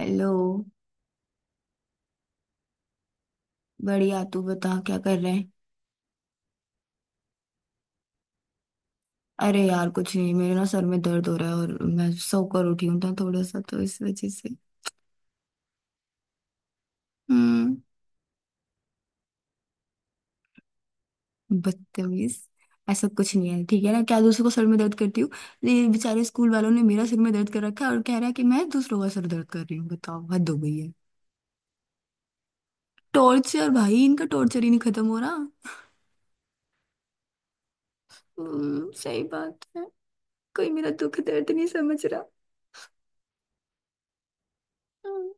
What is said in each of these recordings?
Hello. बढ़िया तू बता क्या कर रहे हैं। अरे यार कुछ नहीं, मेरे ना सर में दर्द हो रहा है और मैं सोकर उठी हूँ ना थोड़ा सा, तो इस वजह से। हम्म। बदतमीज। ऐसा कुछ नहीं है ठीक है ना, क्या दूसरों को सर में दर्द करती हूँ। ये बेचारे स्कूल वालों ने मेरा सिर में दर्द कर रखा है और कह रहा है कि मैं दूसरों का सर दर्द कर रही हूँ, बताओ हद हो गई है। टॉर्चर भाई, इनका टॉर्चर ही नहीं खत्म हो रहा। सही बात है। कोई मेरा दुख दर्द नहीं समझ रहा। हम्म।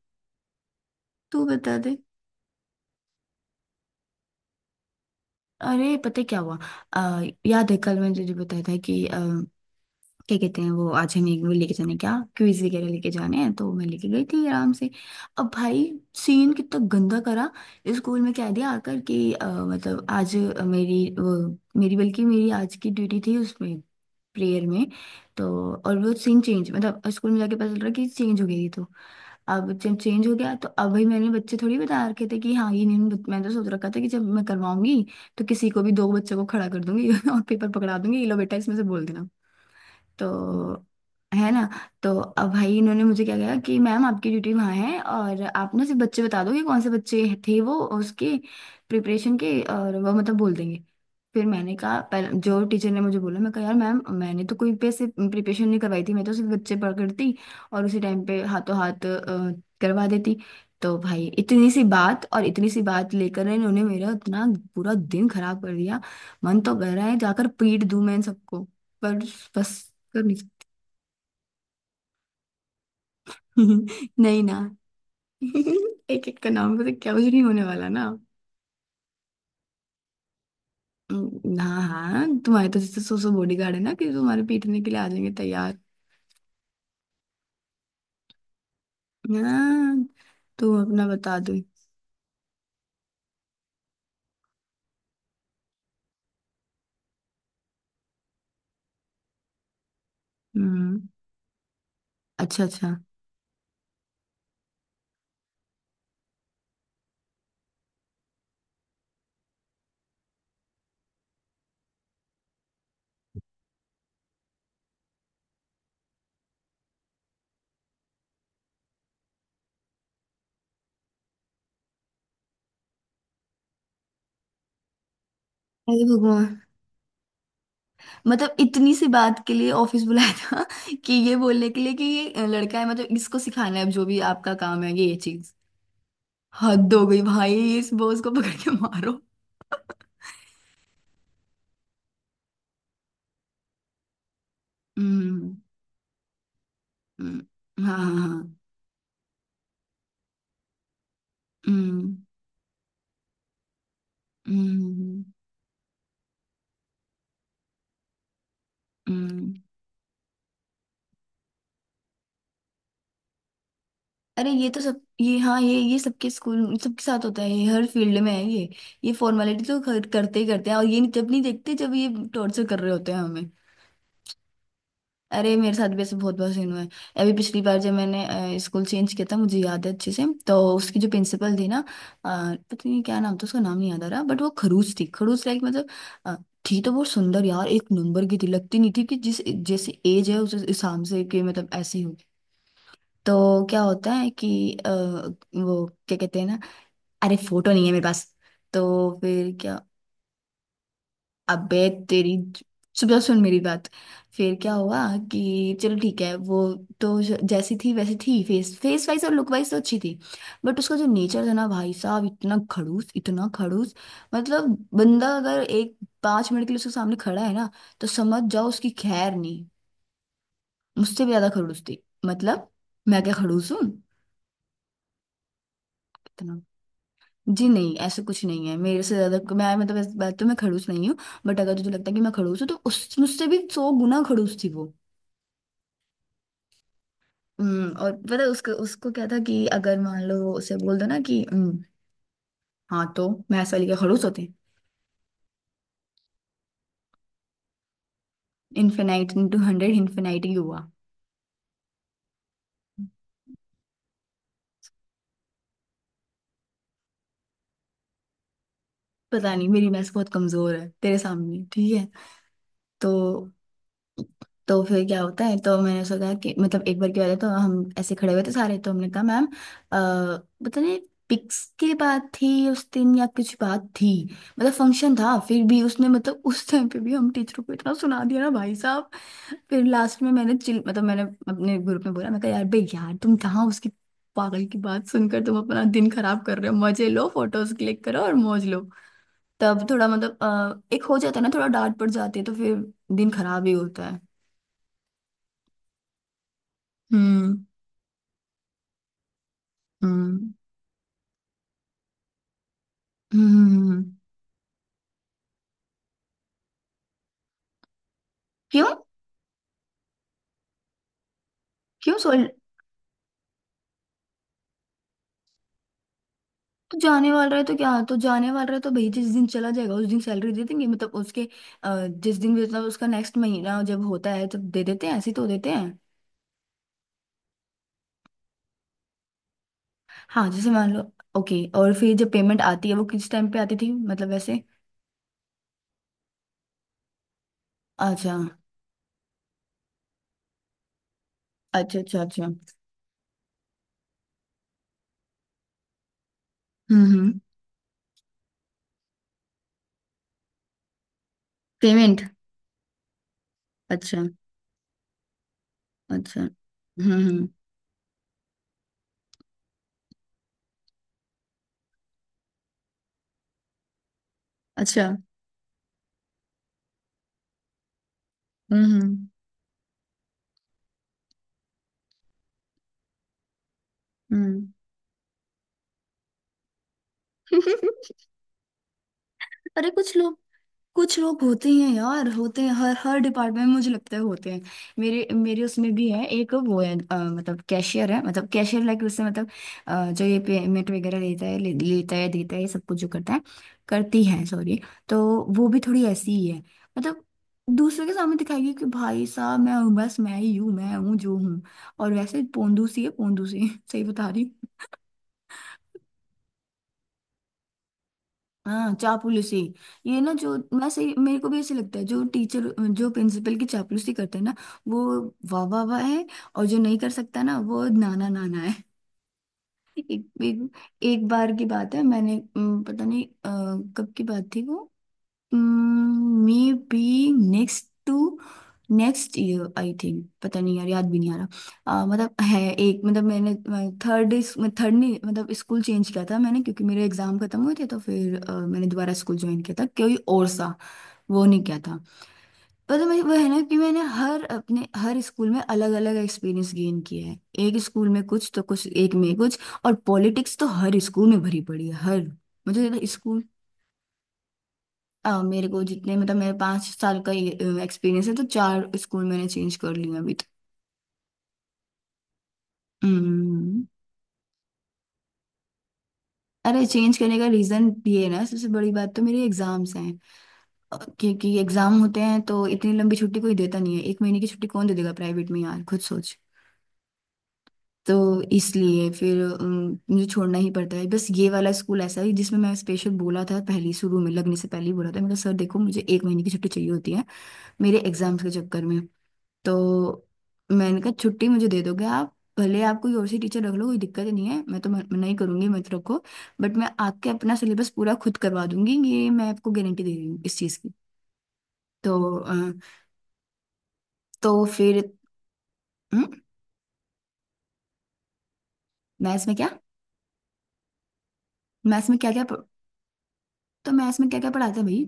तू बता दे। अरे पता है क्या हुआ। याद है कल मैंने तुझे बताया था कि क्या कहते हैं वो, आज हमें वो लेके जाने क्या क्विज वगैरह लेके जाने हैं, तो मैं लेके गई थी आराम से। अब भाई सीन कितना गंदा करा। स्कूल में कह दिया आकर कि मतलब आज मेरी वो, मेरी बल्कि मेरी आज की ड्यूटी थी उसमें, प्रेयर में। तो और वो सीन चेंज, मतलब स्कूल में जाके पता चल रहा कि चेंज हो गई थी। तो अब जब चेंज हो गया तो अब भाई मैंने बच्चे थोड़ी बता रखे थे कि हाँ ये नहीं मैंने तो सोच रखा था कि जब मैं करवाऊंगी तो किसी को भी दो बच्चों को खड़ा कर दूंगी और पेपर पकड़ा दूंगी ये लो बेटा इसमें से बोल देना। तो है ना। तो अब भाई इन्होंने मुझे क्या कहा कि मैम आपकी ड्यूटी वहाँ है और आप ना सिर्फ बच्चे बता दो कि कौन से बच्चे थे वो उसके प्रिपरेशन के और वो मतलब बोल देंगे। फिर मैंने कहा पहले जो टीचर ने मुझे बोला, मैं कहा यार मैम मैंने तो कोई पैसे प्रिपरेशन नहीं करवाई थी, मैं तो सिर्फ बच्चे पकड़ती और उसी टाइम पे हाथों हाथ करवा देती। तो भाई इतनी सी बात, और इतनी सी बात लेकर इन्होंने मेरा इतना पूरा दिन खराब कर दिया। मन तो कर रहा है जाकर पीट दूं मैं इन सबको। पर बस। सब। नहीं, नहीं ना। एक एक का नाम पता क्या, कुछ नहीं होने वाला ना। हाँ हाँ, तुम्हारे तो जैसे सो बॉडीगार्ड है ना कि तुम्हारे पीटने के लिए आ जाएंगे तैयार। हाँ। तुम अपना बता दो। हम्म। अच्छा अच्छा। अरे भगवान। मतलब इतनी सी बात के लिए ऑफिस बुलाया था कि ये बोलने के लिए कि ये लड़का है मतलब इसको सिखाना है, अब जो भी आपका काम है ये चीज। हद हो गई भाई, इस बॉस को पकड़ के मारो। हम्म हाँ हाँ हाँ। हम्म हम्म। हम्म, अरे ये तो सब, ये हाँ, ये सबके स्कूल सबके साथ होता है ये, हर फील्ड में है ये। ये फॉर्मेलिटी तो खैर करते ही करते हैं और ये जब नहीं देखते जब ये टॉर्चर कर रहे होते हैं हमें। अरे मेरे साथ भी ऐसे बहुत बार सीन हुआ है। अभी पिछली बार जब मैंने स्कूल चेंज किया था मुझे याद है अच्छे से, तो उसकी जो प्रिंसिपल थी ना, पता नहीं क्या नाम था उसका, नाम नहीं याद आ रहा, बट वो खड़ूस थी, खड़ूस लाइक मतलब अ, थी तो बहुत सुंदर यार, एक नंबर की थी, लगती नहीं थी कि जिस जैसे एज है उस हिसाब से कि मतलब ऐसी हो। तो क्या होता है कि वो क्या कहते हैं ना। अरे फोटो नहीं है मेरे पास। तो फिर क्या। अबे तेरी। सुबह सुन मेरी बात। फिर क्या हुआ कि चलो ठीक है, वो तो जैसी थी वैसी थी, फेस फेस वाइज और लुक वाइज तो अच्छी थी। बट उसका जो नेचर था ना भाई साहब, इतना खड़ूस, इतना खड़ूस, मतलब बंदा अगर एक 5 मिनट के लिए उसके सामने खड़ा है ना, तो समझ जाओ उसकी खैर नहीं। मुझसे भी ज्यादा खड़ूस थी, मतलब मैं क्या खड़ूस हूँ। जी नहीं, ऐसा कुछ नहीं है, मेरे से ज्यादा, मैं मतलब इस बात तो मैं खड़ूस नहीं हूँ। बट अगर तुझे लगता है कि मैं खड़ूस हूँ, तो उस मुझसे भी 100 गुना खड़ूस थी वो। और पता है उसको उसको क्या था कि अगर मान लो उसे बोल दो ना कि हम्म। हाँ तो मैथ्स वाली के खड़ूस होते हैं। इनफिनाइट इंटू 100, इन्फिनाइट ही हुआ। पता नहीं, मेरी मैथ्स बहुत कमजोर है तेरे सामने, ठीक है। तो तो फिर क्या होता है, तो मैंने सोचा कि मतलब एक बार की बात है, तो हम ऐसे खड़े हुए थे सारे, तो हमने कहा मैम पता नहीं पिक्स की बात थी उस दिन या कुछ बात थी, मतलब फंक्शन था, फिर भी उसने मतलब उस टाइम पे भी हम टीचरों को इतना सुना दिया ना भाई साहब। फिर लास्ट में मैंने चिल मतलब मैंने अपने ग्रुप में बोला, मैं कहा यार बे यार तुम कहाँ उसकी पागल की बात सुनकर तुम अपना दिन खराब कर रहे हो, मजे लो फोटोज क्लिक करो और मौज लो। तब थोड़ा मतलब एक हो जाता है ना, थोड़ा डांट पड़ जाती है तो फिर दिन खराब ही होता है। हम्म हम्म हम्म। क्यों? क्यों सोल? तो जाने वाला है तो क्या, तो जाने वाला है तो भाई जिस दिन चला जाएगा उस दिन सैलरी दे देंगे मतलब उसके जिस दिन भी, मतलब उसका नेक्स्ट महीना जब होता है तब दे देते हैं, ऐसे ही तो देते हैं। हाँ जैसे मान लो। ओके। और फिर जब पेमेंट आती है वो किस टाइम पे आती थी मतलब वैसे। अच्छा अच्छा अच्छा। अच्छा हम्म। पेमेंट। अच्छा अच्छा। हम्म। अच्छा। हम्म। हम्म। अरे कुछ लोग, कुछ लोग होते हैं यार, होते हैं हर हर डिपार्टमेंट में, मुझे लगता है होते हैं। मेरे मेरे उसमें भी है एक, वो है मतलब कैशियर है, मतलब कैशियर लाइक, उससे मतलब जो ये पेमेंट वगैरह लेता है, लेता है देता है, ये सब कुछ जो करता है, करती है सॉरी। तो वो भी थोड़ी ऐसी ही है, मतलब दूसरे के सामने दिखाएगी कि भाई साहब मैं हूँ, बस मैं ही हूँ, मैं हूँ जो हूँ। और वैसे पोंदू सी है, पोंदू सी सही बता रही। हाँ, चापलूसी। ये ना, जो मैं सही, मेरे को भी ऐसे लगता है, जो टीचर जो प्रिंसिपल की चापलूसी करते हैं ना, वो वाह वाह वाह है। और जो नहीं कर सकता ना, वो नाना नाना है। एक एक, एक बार की बात है, मैंने पता नहीं कब की बात थी वो, maybe next to, next year I think, पता नहीं यार याद भी नहीं आ रहा, मतलब है एक, मतलब मैंने थर्ड थर्ड नहीं, मतलब स्कूल चेंज किया था मैंने क्योंकि मेरे एग्जाम खत्म हुए थे, तो फिर मैंने दोबारा स्कूल ज्वाइन किया था कोई और सा, वो नहीं किया था। पर मैं वो है ना कि मैंने हर अपने हर स्कूल में अलग अलग एक्सपीरियंस गेन किया है, एक स्कूल में कुछ तो कुछ एक में कुछ। और पॉलिटिक्स तो हर स्कूल में भरी पड़ी है, हर। मुझे स्कूल, मेरे को जितने, मतलब मेरे 5 साल का एक्सपीरियंस है तो चार स्कूल मैंने चेंज कर लिए हैं अभी तक। हम्म। अरे चेंज करने का रीजन ये है ना, सबसे बड़ी बात तो मेरी एग्जाम्स हैं, क्योंकि एग्जाम होते हैं तो इतनी लंबी छुट्टी कोई देता नहीं है, 1 महीने की छुट्टी कौन दे देगा प्राइवेट में यार खुद सोच। तो इसलिए फिर मुझे छोड़ना ही पड़ता है बस। ये वाला स्कूल ऐसा है जिसमें मैं स्पेशल बोला था, पहले शुरू में लगने से पहले ही बोला था मेरा सर, देखो मुझे 1 महीने की छुट्टी चाहिए होती है मेरे एग्जाम्स के चक्कर में। तो मैंने कहा छुट्टी मुझे दे दोगे आप, भले आप कोई और सी टीचर रख लो, कोई दिक्कत नहीं है, मैं तो मना ही करूंगी, मत रखो। बट मैं आके अपना सिलेबस पूरा खुद करवा दूंगी, ये मैं आपको गारंटी दे रही हूँ इस चीज़ की। तो अ, तो फिर हम्म, मैथ्स में क्या, मैथ्स में क्या क्या, तो मैथ्स में क्या क्या पढ़ाते हैं भाई।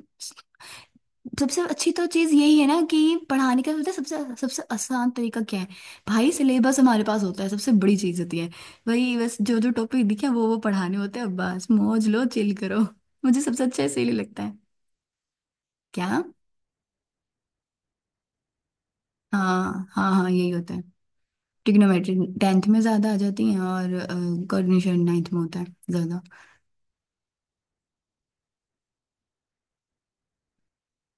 सबसे अच्छी तो चीज यही है ना कि पढ़ाने का पता है, सबसे सबसे आसान तरीका क्या है। भाई सिलेबस हमारे पास होता है सबसे बड़ी चीज होती है। वही बस, जो जो टॉपिक दिखे वो पढ़ाने होते हैं, बस मौज लो चिल करो। मुझे सबसे अच्छा इसीलिए लगता है। क्या। हाँ हाँ हाँ, यही होता है। ट्रिग्नोमेट्री टेंथ में ज्यादा आ जाती है, और कोऑर्डिनेशन नाइन्थ में होता है ज्यादा।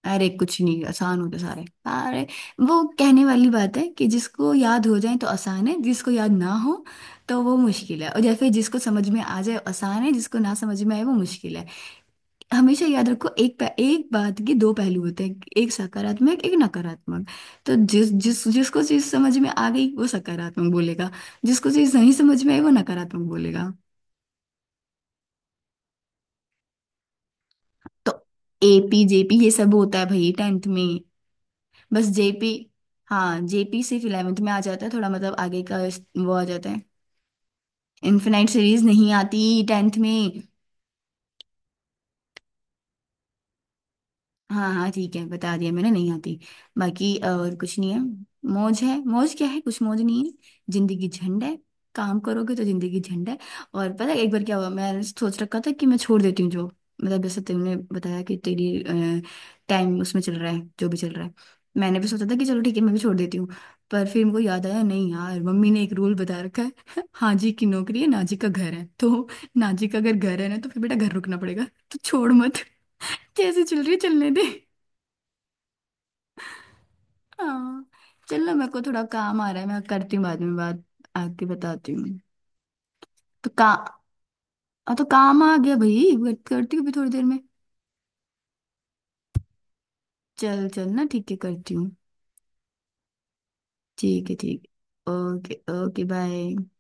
अरे कुछ नहीं, आसान होते सारे। अरे वो कहने वाली बात है कि जिसको याद हो जाए तो आसान है, जिसको याद ना हो तो वो मुश्किल है। और या फिर जिसको समझ में आ जाए आसान है, जिसको ना समझ में आए वो मुश्किल है। हमेशा याद रखो एक बात के 2 पहलू होते हैं, एक सकारात्मक एक नकारात्मक। तो जिस जिस जिसको चीज समझ में आ गई वो सकारात्मक बोलेगा, जिसको चीज नहीं समझ में आई वो नकारात्मक बोलेगा। तो एपी जेपी ये सब होता है भाई टेंथ में। बस जेपी, हाँ जेपी सिर्फ इलेवेंथ में आ जाता है, थोड़ा मतलब आगे का, वो आ जाता है। इनफिनाइट सीरीज नहीं आती टेंथ में। हाँ हाँ ठीक है, बता दिया मैंने, नहीं आती। बाकी और कुछ नहीं है, मौज है, मौज क्या है, कुछ मौज नहीं है, जिंदगी झंड है। काम करोगे तो जिंदगी झंड है। और पता है एक बार क्या हुआ, मैंने सोच रखा था कि मैं छोड़ देती हूँ जॉब, मतलब जैसे तुमने बताया कि तेरी टाइम उसमें चल रहा है जो भी चल रहा है, मैंने भी सोचा था कि चलो ठीक है मैं भी छोड़ देती हूँ। पर फिर मुझे याद आया, नहीं यार मम्मी ने एक रूल बता रखा है हाँ जी की नौकरी है ना जी का घर है, तो ना जी का अगर घर है ना तो फिर बेटा घर रुकना पड़ेगा, तो छोड़ मत। जैसे चल रही है चलने दे। हाँ। चलो मेरे को थोड़ा काम आ रहा है, मैं करती हूँ बाद में बात, आके बताती हूँ। तो का हाँ तो काम आ गया भाई, बात करती हूँ अभी थोड़ी देर में। चल चल ना, ठीक है, करती हूँ। ठीक है ओके। Okay bye.